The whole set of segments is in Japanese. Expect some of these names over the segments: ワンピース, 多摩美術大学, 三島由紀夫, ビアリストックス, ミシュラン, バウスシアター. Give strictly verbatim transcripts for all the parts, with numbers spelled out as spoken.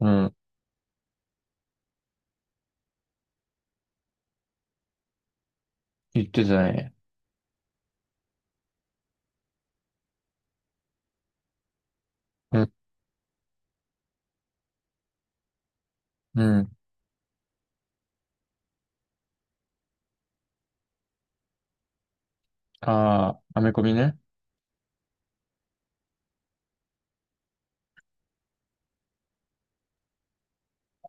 うん。言ってたね。うん。うん。ああ、アメコミね。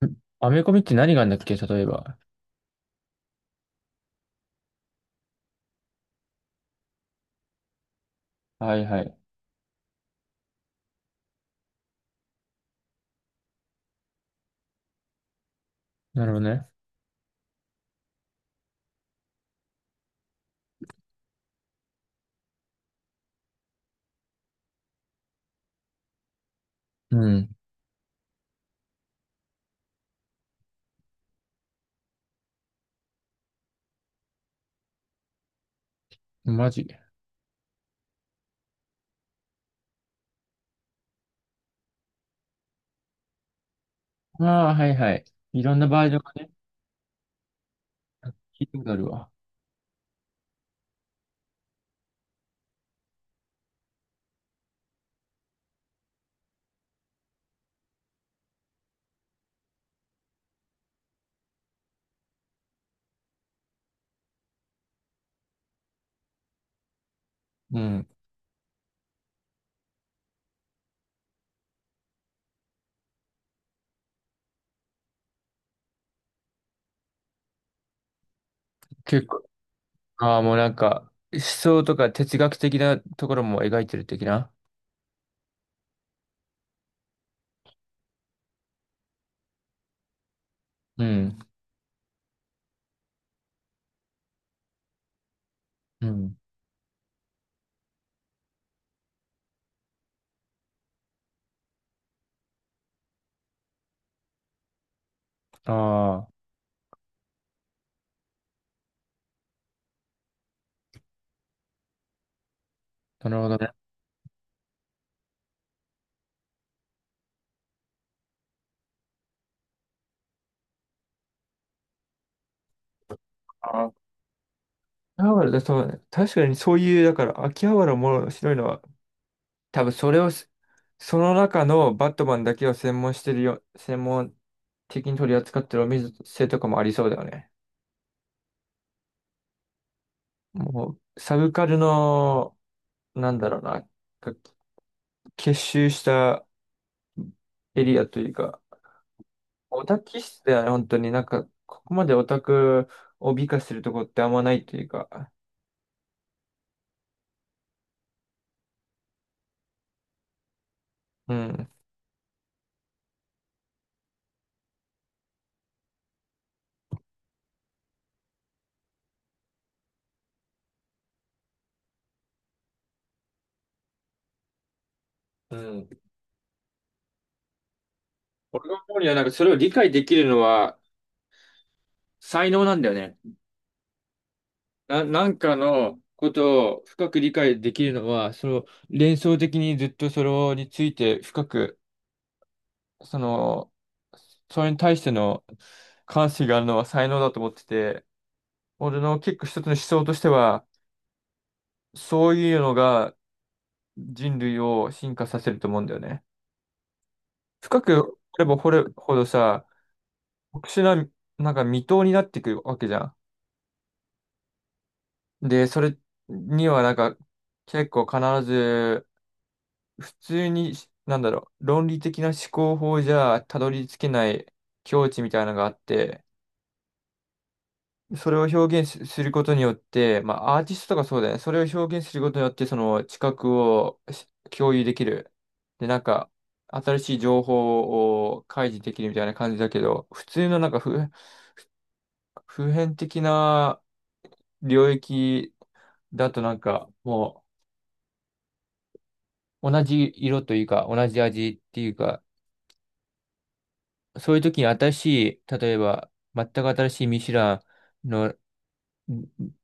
んアメコミって何があるんだっけ例えば。はいはい。なるほどね。うん。マジ。ああ、はいはい。いろんなバージョンがね、聞いたことあるわ。うん。結構、ああ、もうなんか、思想とか哲学的なところも描いてる的な。うん。うん。ああ、なるほどね。ああ、秋葉原だ、そうね。確かにそういう、だから、秋葉原も面白いのは、多分それをす、その中のバットマンだけを専門してるよ、専門的に取り扱ってるお店とかもありそうだよね。もう、サブカルの、なんだろうな、か結集したエリアというか、オタ気質だよね、本当に。なんか、ここまでオタクを美化するとこってあんまないというか、うん。うん。俺が思うには、なんかそれを理解できるのは才能なんだよね。な、なんかのことを深く理解できるのは、その連想的にずっとそれについて深く、その、それに対しての関心があるのは才能だと思ってて、俺の結構一つの思想としては、そういうのが人類を進化させると思うんだよね。深く掘れば掘るほどさ、特殊な、なんか未踏になってくるわけじゃん。で、それにはなんか結構必ず普通になんだろう、論理的な思考法じゃたどり着けない境地みたいなのがあって、それを表現すすることによって、まあアーティストとかそうだよね。それを表現することによって、その知覚をし共有できる。で、なんか、新しい情報を開示できるみたいな感じだけど、普通のなんか普、普遍的な領域だとなんか、もう同じ色というか、同じ味っていうか、そういう時に新しい、例えば、全く新しいミシュランの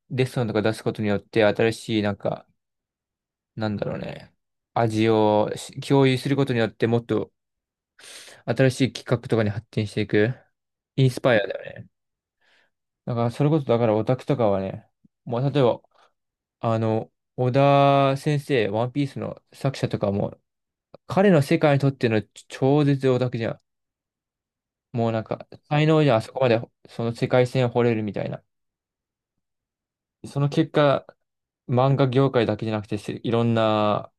レストランとか出すことによって、新しい、なんか、なんだろうね、味をし共有することによって、もっと新しい企画とかに発展していく、インスパイアだよね。だから、それこそ、だからオタクとかはね、もう、例えば、あの、小田先生、ワンピースの作者とかも、彼の世界にとっての超絶オタクじゃん。もうなんか、才能じゃん、あそこまで、その世界線を掘れるみたいな。その結果、漫画業界だけじゃなくて、せいろんな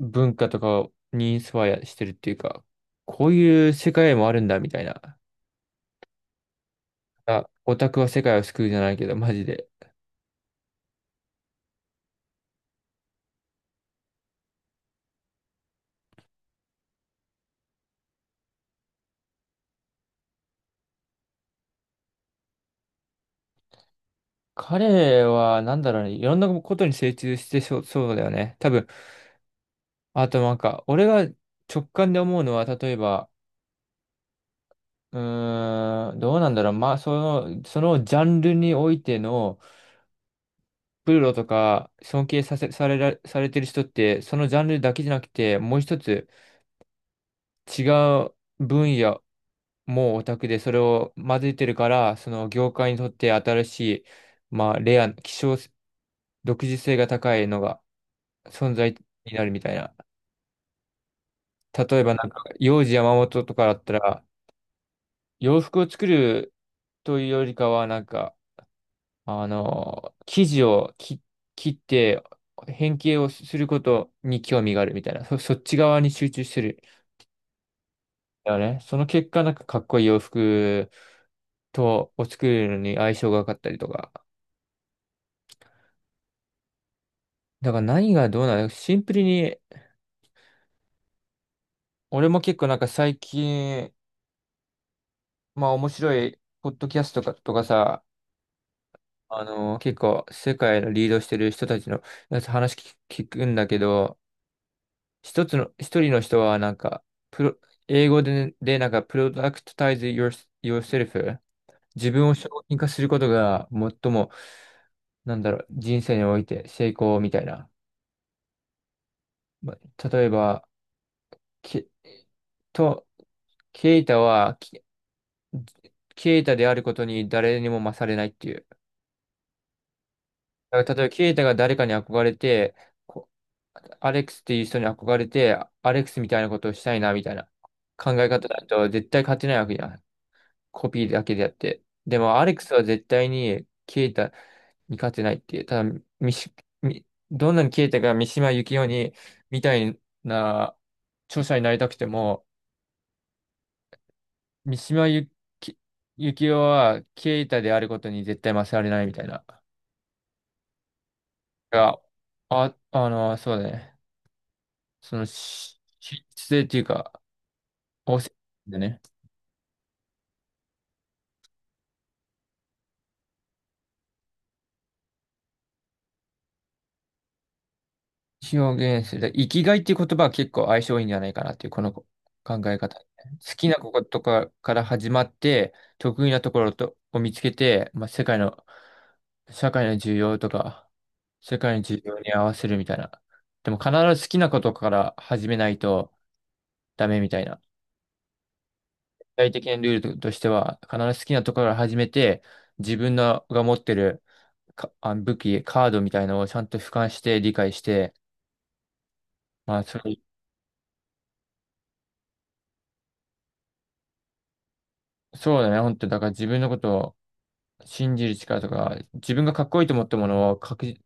文化とかにインスパイアしてるっていうか、こういう世界もあるんだみたいな。あ、オタクは世界を救うじゃないけど、マジで。彼は、なんだろうね、いろんなことに精通してそう、そうだよね。多分、あとなんか、俺が直感で思うのは、例えば、うーん、どうなんだろう。まあ、その、そのジャンルにおいての、プロとか尊敬させ、されら、されてる人って、そのジャンルだけじゃなくて、もう一つ違う分野もオタクで、それを混ぜてるから、その業界にとって新しい、まあ、レア、希少、独自性が高いのが存在になるみたいな。例えばなんか、幼児山本とかだったら、洋服を作るというよりかは、なんか、あの、生地を切、切って、変形をすることに興味があるみたいな、そ、そっち側に集中してる。だよね。その結果、なんかかっこいい洋服と、を作るのに相性が良かったりとか。だから何がどうなのシンプルに、俺も結構なんか最近、まあ面白い、ポッドキャストとか、とかさ、あの、結構世界のリードしてる人たちのやつ話聞く聞くんだけど、一つの、一人の人はなんか、プロ、英語でね、でなんか、プロダクトタイズ your, yourself、 自分を商品化することが最も、なんだろう、人生において成功みたいな。まあ例えば、け、と、ケイタは、ケケイタであることに誰にも勝れないっていう。だから例えば、ケイタが誰かに憧れて、こアレックスっていう人に憧れて、アレックスみたいなことをしたいな、みたいな考え方だと絶対勝てないわけじゃん。コピーだけでやって。でも、アレックスは絶対に、ケイタに勝てないっていう、ただ、ミシ、ミどんなにケイタが三島由紀夫に、みたいな、著者になりたくても、三島由紀由紀夫は、ケイタであることに絶対勝られないみたいな。が、あ、あの、そうだね。その、し、し質っていうか、おせ、でね。表現する。生きがいっていう言葉は結構相性いいんじゃないかなっていう、この考え方。好きなことかから始まって、得意なところとを見つけて、まあ、世界の、社会の需要とか、世界の需要に合わせるみたいな。でも必ず好きなことから始めないとダメみたいな。具体的なルールとしては、必ず好きなところから始めて、自分のが持ってるかあ武器、カードみたいなのをちゃんと俯瞰して理解して、まあ、それ、そうだね、本当だから自分のことを信じる力とか、自分がかっこいいと思ったものを確実、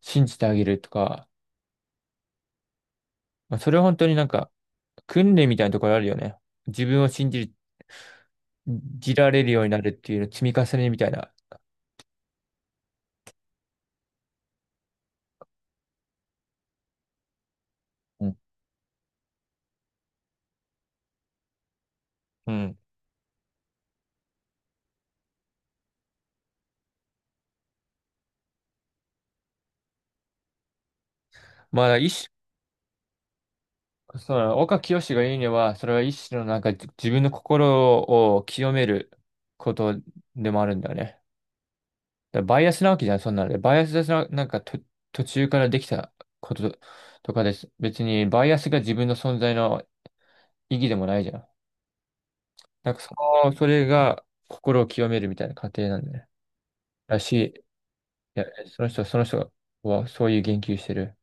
信じてあげるとか、まあ、それは本当になんか、訓練みたいなところあるよね。自分を信じる、じられるようになるっていうの積み重ねみたいな。うんうん。まあ、一種、その、岡清が言うには、それは一種のなんか、自分の心を清めることでもあるんだよね。だからバイアスなわけじゃん、そんなので。バイアスな、なんかと、途中からできたこととかです。別に、バイアスが自分の存在の意義でもないじゃん。なんかその、それが心を清めるみたいな過程なんだね。らしい。いや、その人、その人はそういう言及してる。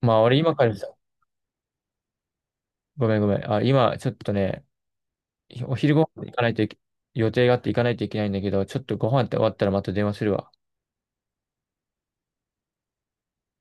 まあ、俺今からさ、ごめんごめん。あ、今、ちょっとね、お昼ご飯行かないといけ、予定があって行かないといけないんだけど、ちょっとご飯って終わったらまた電話するわ。